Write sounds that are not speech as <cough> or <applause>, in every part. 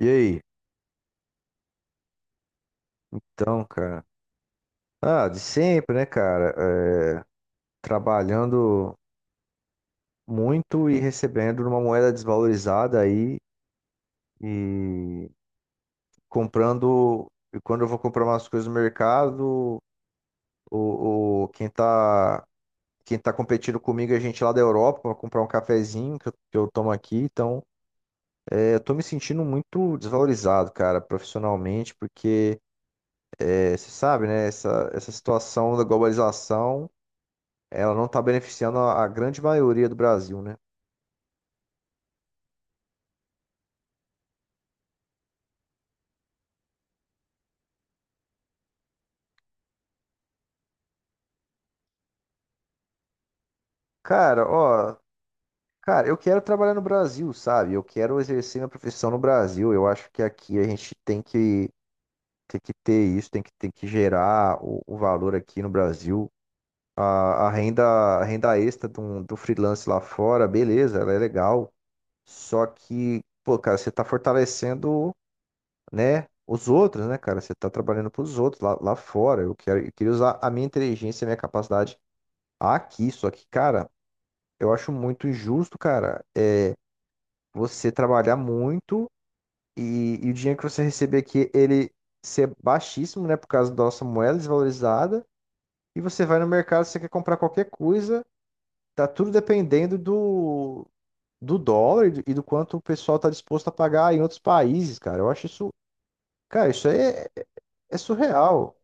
E aí? Então, cara. Ah, de sempre, né, cara? É, Trabalhando muito e recebendo numa moeda desvalorizada aí e comprando. E quando eu vou comprar umas coisas no mercado, o, o- quem tá, quem tá competindo comigo é gente lá da Europa para comprar um cafezinho que eu tomo aqui. Então, eu tô me sentindo muito desvalorizado, cara, profissionalmente, porque você sabe, né, essa situação da globalização. Ela não tá beneficiando a grande maioria do Brasil, né? Cara, ó, cara, eu quero trabalhar no Brasil, sabe? Eu quero exercer minha profissão no Brasil. Eu acho que aqui a gente tem que ter isso, tem que gerar o valor aqui no Brasil. A renda extra do, do freelance lá fora, beleza, ela é legal. Só que, pô, cara, você tá fortalecendo, né, os outros, né, cara? Você tá trabalhando pros outros lá, lá fora. Eu quero, eu queria usar a minha inteligência, a minha capacidade aqui, só que, cara, eu acho muito injusto, cara, você trabalhar muito e o dinheiro que você receber aqui, ele ser baixíssimo, né, por causa da nossa moeda desvalorizada, e você vai no mercado, você quer comprar qualquer coisa, tá tudo dependendo do, do dólar e do quanto o pessoal tá disposto a pagar em outros países, cara. Eu acho isso, cara, isso aí é, é surreal.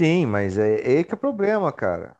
Sim, mas é, é aí que é o problema, cara.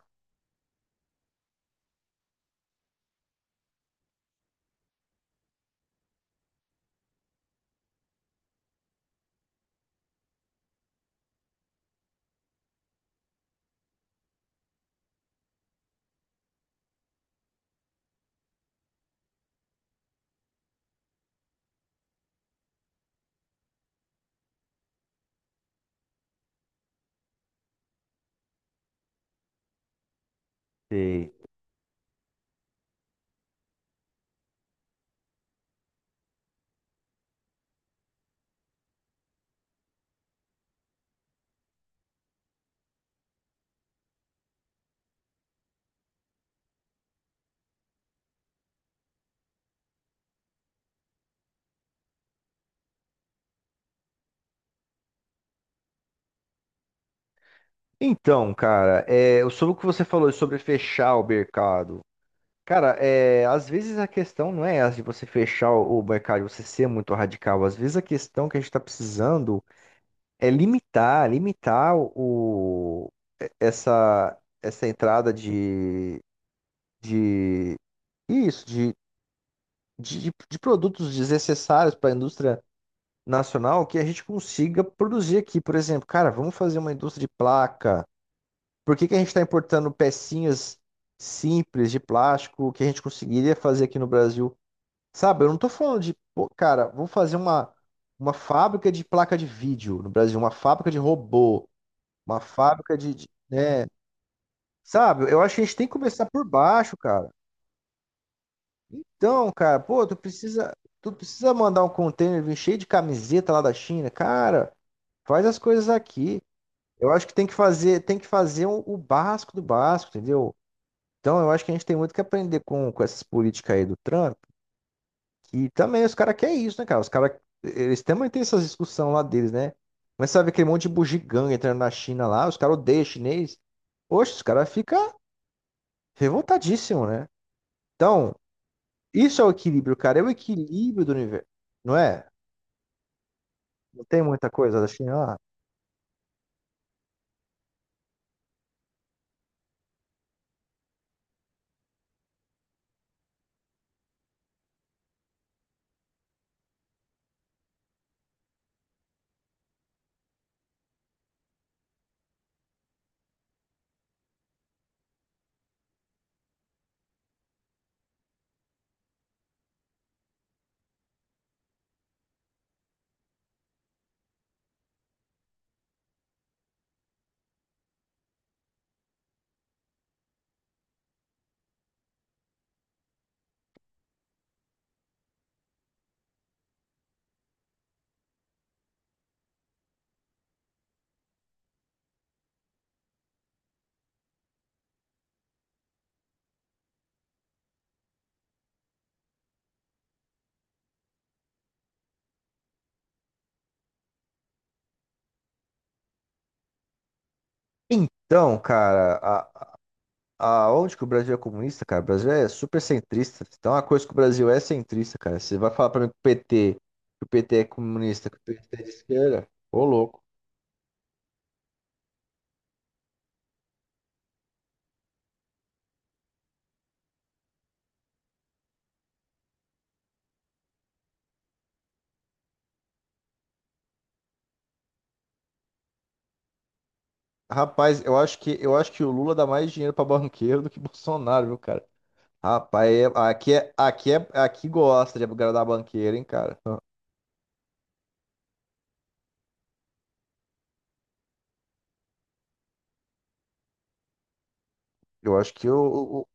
Sei. Então, cara, sobre o que você falou sobre fechar o mercado, cara, às vezes a questão não é essa de você fechar o mercado, você ser muito radical. Às vezes a questão que a gente está precisando é limitar, limitar o, essa, essa entrada de isso, de, de produtos desnecessários para a indústria nacional que a gente consiga produzir aqui. Por exemplo, cara, vamos fazer uma indústria de placa. Por que que a gente está importando pecinhas simples de plástico que a gente conseguiria fazer aqui no Brasil? Sabe, eu não tô falando de, pô, cara, vamos fazer uma fábrica de placa de vídeo no Brasil, uma fábrica de robô, uma fábrica né? Sabe, eu acho que a gente tem que começar por baixo, cara. Então, cara, pô, tu precisa mandar um container vir cheio de camiseta lá da China. Cara, faz as coisas aqui. Eu acho que tem que fazer o básico do básico, entendeu? Então, eu acho que a gente tem muito que aprender com essas políticas aí do Trump. E também os caras querem isso, né, cara? Os caras, eles também têm essas discussões lá deles, né? Mas sabe aquele monte de bugiganga entrando na China lá, os caras odeiam chinês. Oxe, os caras ficam revoltadíssimos, né? Então, isso é o equilíbrio, cara. É o equilíbrio do universo, não é? Não tem muita coisa da China lá. Então, cara, a, onde que o Brasil é comunista, cara? O Brasil é super centrista. Então, uma coisa que o Brasil é centrista, cara. Você vai falar pra mim que o PT, que o PT é comunista, que o PT é de esquerda? Ô, louco. Rapaz, eu acho que o Lula dá mais dinheiro pra banqueiro do que <laughs> Bolsonaro, viu, cara? Rapaz, aqui é, aqui é, aqui gosta de agradar banqueiro, hein, cara? Eu acho que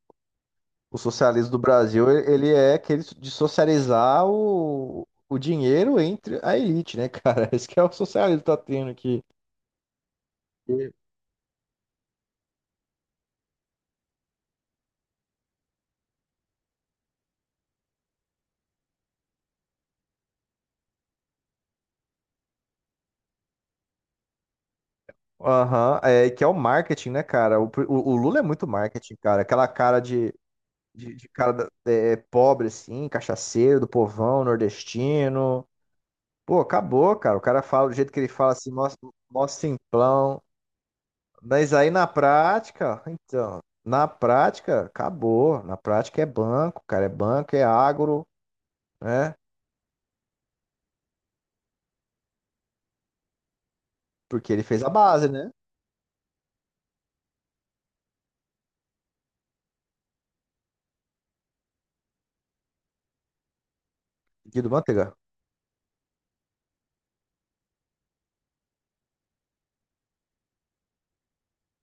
o socialismo do Brasil, ele é aquele so, de socializar o dinheiro entre a elite, né, cara? <laughs> Esse que é o socialismo que tá tendo aqui. E- Aham, é, que é o marketing, né, cara? O, o Lula é muito marketing, cara. Aquela cara de cara é, pobre, assim, cachaceiro, do povão, nordestino. Pô, acabou, cara. O cara fala do jeito que ele fala, assim, mó, mó simplão. Mas aí na prática, então, na prática, acabou. Na prática é banco, cara. É banco, é agro, né? Porque ele fez a base, né? Guido Mantega.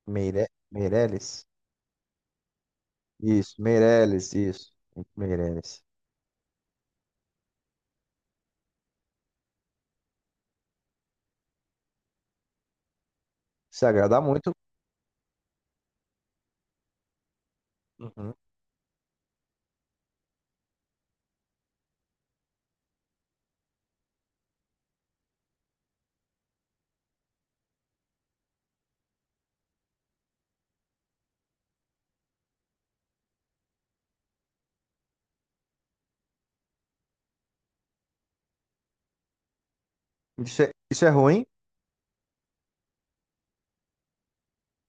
Meire... Meirelles. Isso, Meirelles, isso. Meirelles. Se agrada muito. Uhum. Isso é ruim.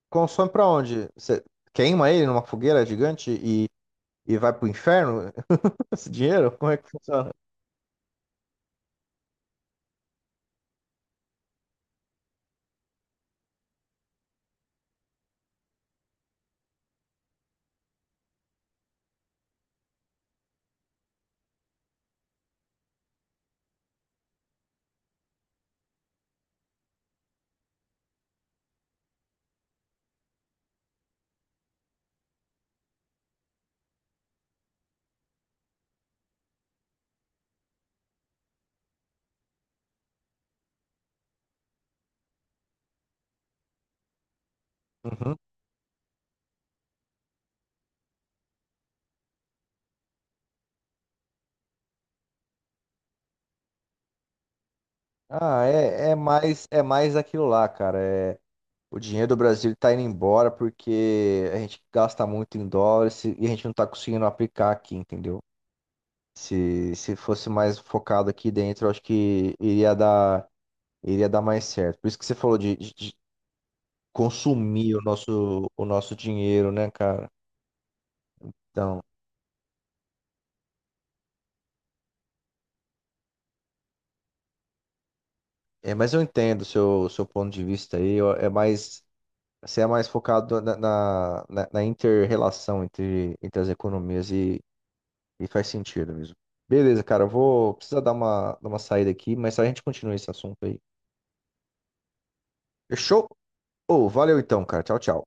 Consome pra onde? Você queima ele numa fogueira gigante e vai pro inferno? <laughs> Esse dinheiro? Como é que funciona? Uhum. Ah, é, é mais aquilo lá, cara. É, o dinheiro do Brasil está indo embora porque a gente gasta muito em dólares e a gente não está conseguindo aplicar aqui, entendeu? Se fosse mais focado aqui dentro, eu acho que iria dar mais certo. Por isso que você falou de, de consumir o nosso dinheiro, né, cara? Então, é, mas eu entendo o seu seu ponto de vista aí. É mais você é mais focado na, na, na, na inter-relação entre, entre as economias e faz sentido mesmo. Beleza, cara, eu vou precisar dar uma saída aqui, mas a gente continua esse assunto aí. Fechou? Ô, valeu então, cara. Tchau, tchau.